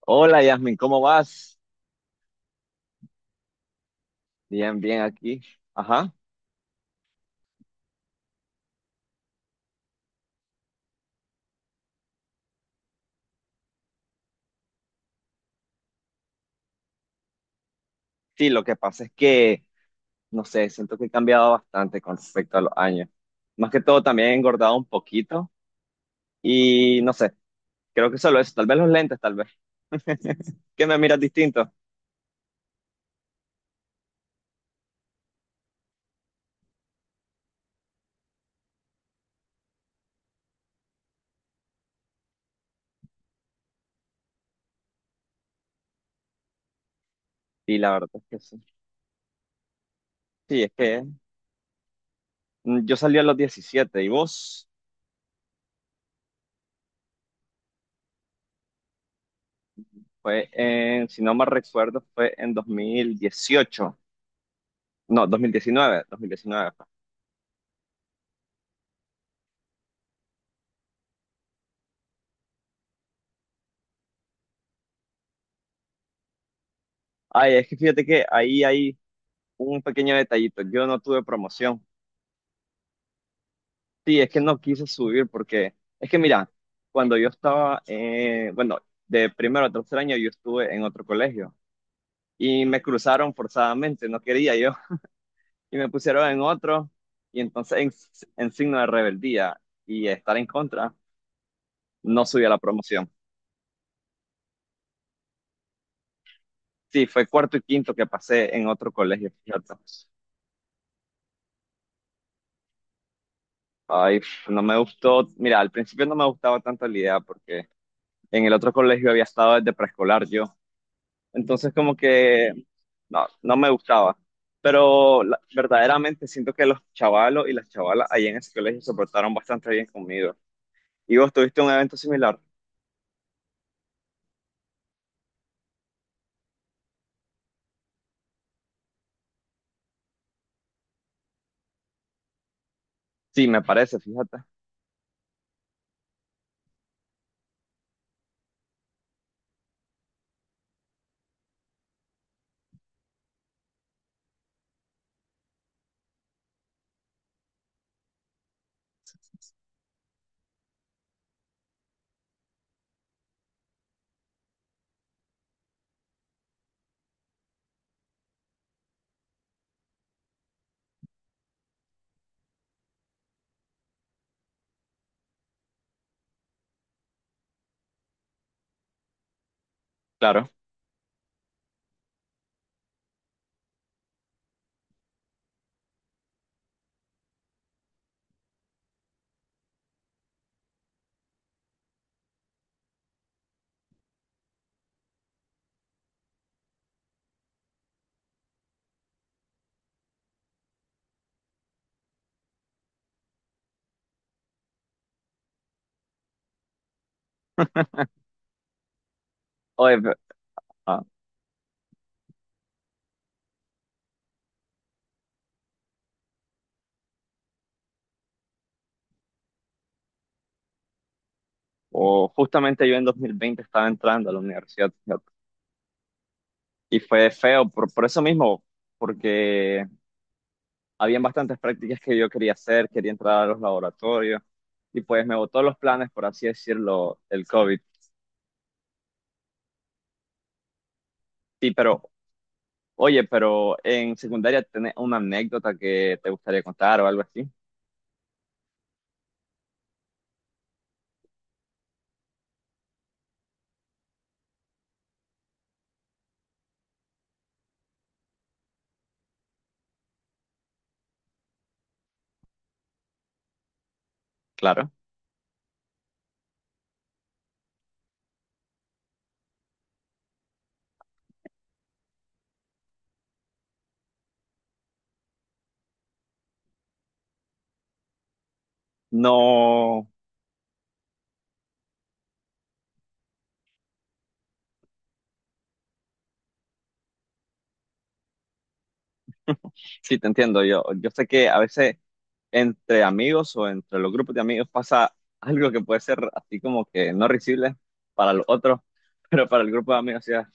Hola Yasmin, ¿cómo vas? Bien, bien aquí. Ajá. Sí, lo que pasa es que, no sé, siento que he cambiado bastante con respecto a los años. Más que todo, también he engordado un poquito y no sé, creo que solo eso, tal vez los lentes, tal vez, que me miras distinto. Y la verdad es que sí. Sí, es que yo salí a los 17 y vos fue en, si no mal recuerdo, fue en dos mil dieciocho. No, 2019, 2019 fue. Ay, es que fíjate que ahí hay un pequeño detallito. Yo no tuve promoción. Sí, es que no quise subir porque es que mira, cuando yo estaba, bueno, de primero a tercer año yo estuve en otro colegio y me cruzaron forzadamente, no quería yo, y me pusieron en otro y entonces en signo de rebeldía y estar en contra, no subí a la promoción. Sí, fue cuarto y quinto que pasé en otro colegio, fíjate. Ay, no me gustó, mira, al principio no me gustaba tanto la idea porque en el otro colegio había estado desde preescolar yo. Entonces como que no me gustaba. Pero verdaderamente siento que los chavalos y las chavalas ahí en ese colegio se portaron bastante bien conmigo. ¿Y vos tuviste un evento similar? Sí, me parece, fíjate. Claro. Oye, ah, o justamente yo en 2020 estaba entrando a la universidad, fíjate. Y fue feo por eso mismo, porque habían bastantes prácticas que yo quería hacer, quería entrar a los laboratorios, y pues me botó los planes, por así decirlo, el COVID. Sí, pero oye, pero en secundaria tenés una anécdota que te gustaría contar o algo así. Claro. No, sí, te entiendo. Yo sé que a veces entre amigos o entre los grupos de amigos pasa algo que puede ser así como que no risible para los otros, pero para el grupo de amigos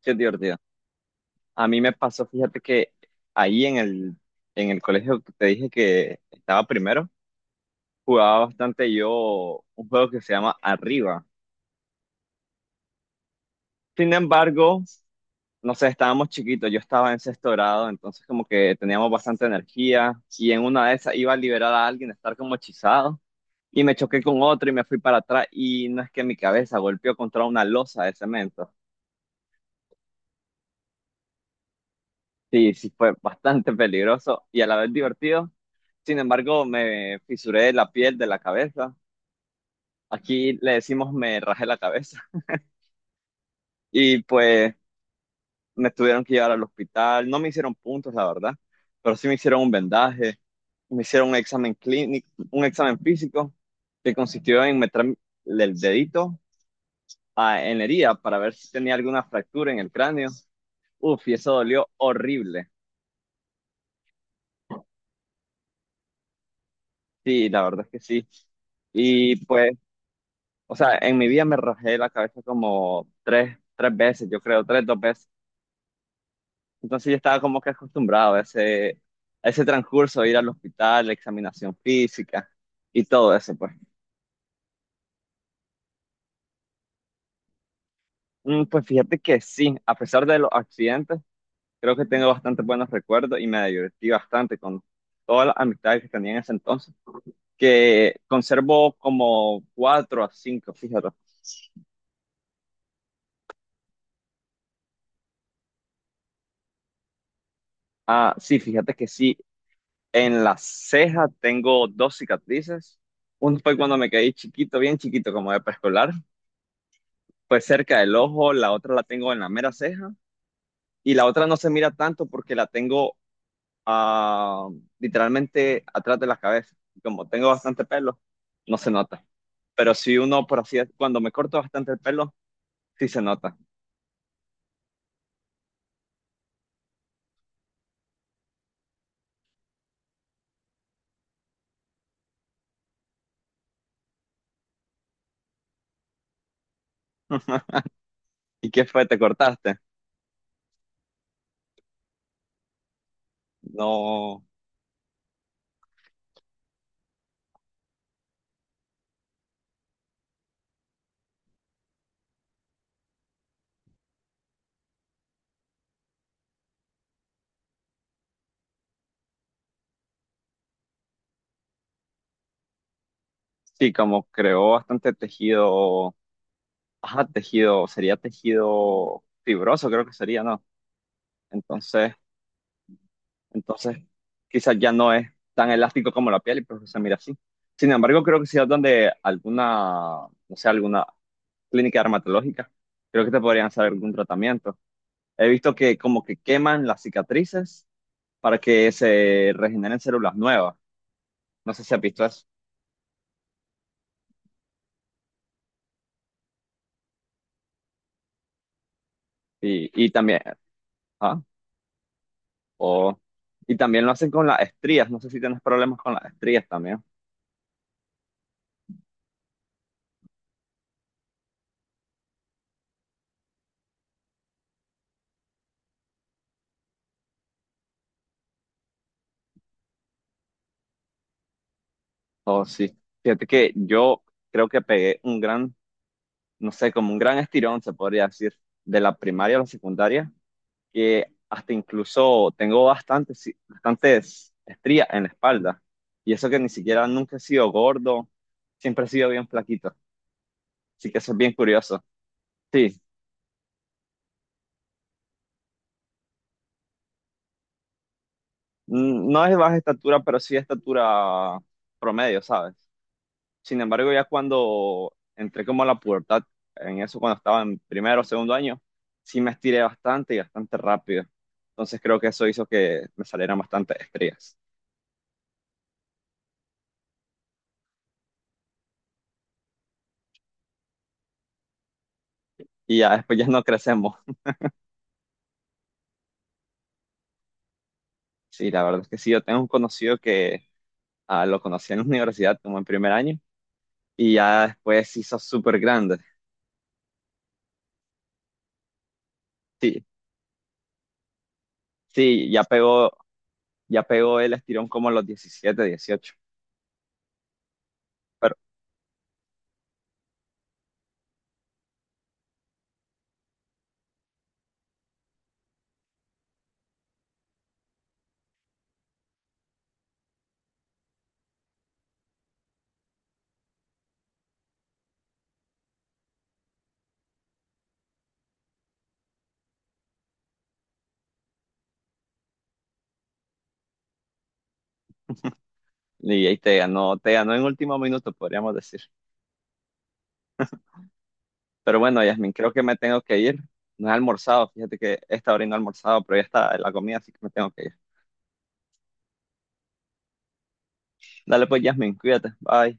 sí es divertido. A mí me pasó, fíjate que ahí en en el colegio que te dije que estaba primero, jugaba bastante yo un juego que se llama Arriba. Sin embargo, no sé, estábamos chiquitos, yo estaba en sexto grado, entonces como que teníamos bastante energía y en una de esas iba a liberar a alguien, a estar como hechizado y me choqué con otro y me fui para atrás y no es que mi cabeza golpeó contra una losa de cemento. Sí, fue bastante peligroso y a la vez divertido. Sin embargo, me fisuré la piel de la cabeza. Aquí le decimos me rajé la cabeza y pues me tuvieron que llevar al hospital. No me hicieron puntos, la verdad, pero sí me hicieron un vendaje. Me hicieron un examen clínico, un examen físico que consistió en meter el dedito en la herida para ver si tenía alguna fractura en el cráneo. Uf, y eso dolió horrible. Sí, la verdad es que sí. Y pues, o sea, en mi vida me rajé la cabeza como tres veces, yo creo, tres, dos veces. Entonces yo estaba como que acostumbrado a a ese transcurso, ir al hospital, examinación física y todo eso, pues. Mm, pues fíjate que sí, a pesar de los accidentes, creo que tengo bastante buenos recuerdos y me divertí bastante con todas las amistades que tenía en ese entonces, que conservo como cuatro a cinco, fíjate. Ah, sí, fíjate que sí, en la ceja tengo dos cicatrices. Una fue cuando me caí chiquito, bien chiquito, como de preescolar, pues cerca del ojo, la otra la tengo en la mera ceja y la otra no se mira tanto porque la tengo ah, literalmente atrás de la cabeza. Y como tengo bastante pelo, no se nota. Pero si uno, por así, decirlo, cuando me corto bastante el pelo, sí se nota. ¿Y qué fue? ¿Te cortaste? No, sí, como creó bastante tejido, ajá, tejido, sería tejido fibroso, creo que sería, ¿no? Entonces, entonces, quizás ya no es tan elástico como la piel y pues se mira así. Sin embargo, creo que sí es donde alguna, no sé, alguna, clínica dermatológica. Creo que te podrían hacer algún tratamiento. He visto que como que queman las cicatrices para que se regeneren células nuevas. No sé si has visto eso. Y también, ah, o, y también lo hacen con las estrías. No sé si tienes problemas con las estrías también. O sí. Fíjate que yo creo que pegué un no sé, como un gran estirón, se podría decir, de la primaria a la secundaria que hasta incluso tengo bastantes estrías en la espalda. Y eso que ni siquiera nunca he sido gordo, siempre he sido bien flaquito. Así que eso es bien curioso. Sí, no es baja estatura, pero sí estatura promedio, ¿sabes? Sin embargo, ya cuando entré como a la pubertad, en eso cuando estaba en primero o segundo año, sí me estiré bastante y bastante rápido. Entonces creo que eso hizo que me salieran bastantes estrías. Y ya después ya no crecemos. Sí, la verdad es que sí, yo tengo un conocido que lo conocí en la universidad como en primer año y ya después se hizo súper grande. Sí, sí, ya pegó el estirón como a los 17, 18. Pero, y ahí te ganó, en último minuto, podríamos decir. Pero bueno, Yasmin, creo que me tengo que ir. No he almorzado, fíjate que esta hora y no he almorzado, pero ya está la comida, así que me tengo que ir. Dale pues, Yasmin, cuídate, bye.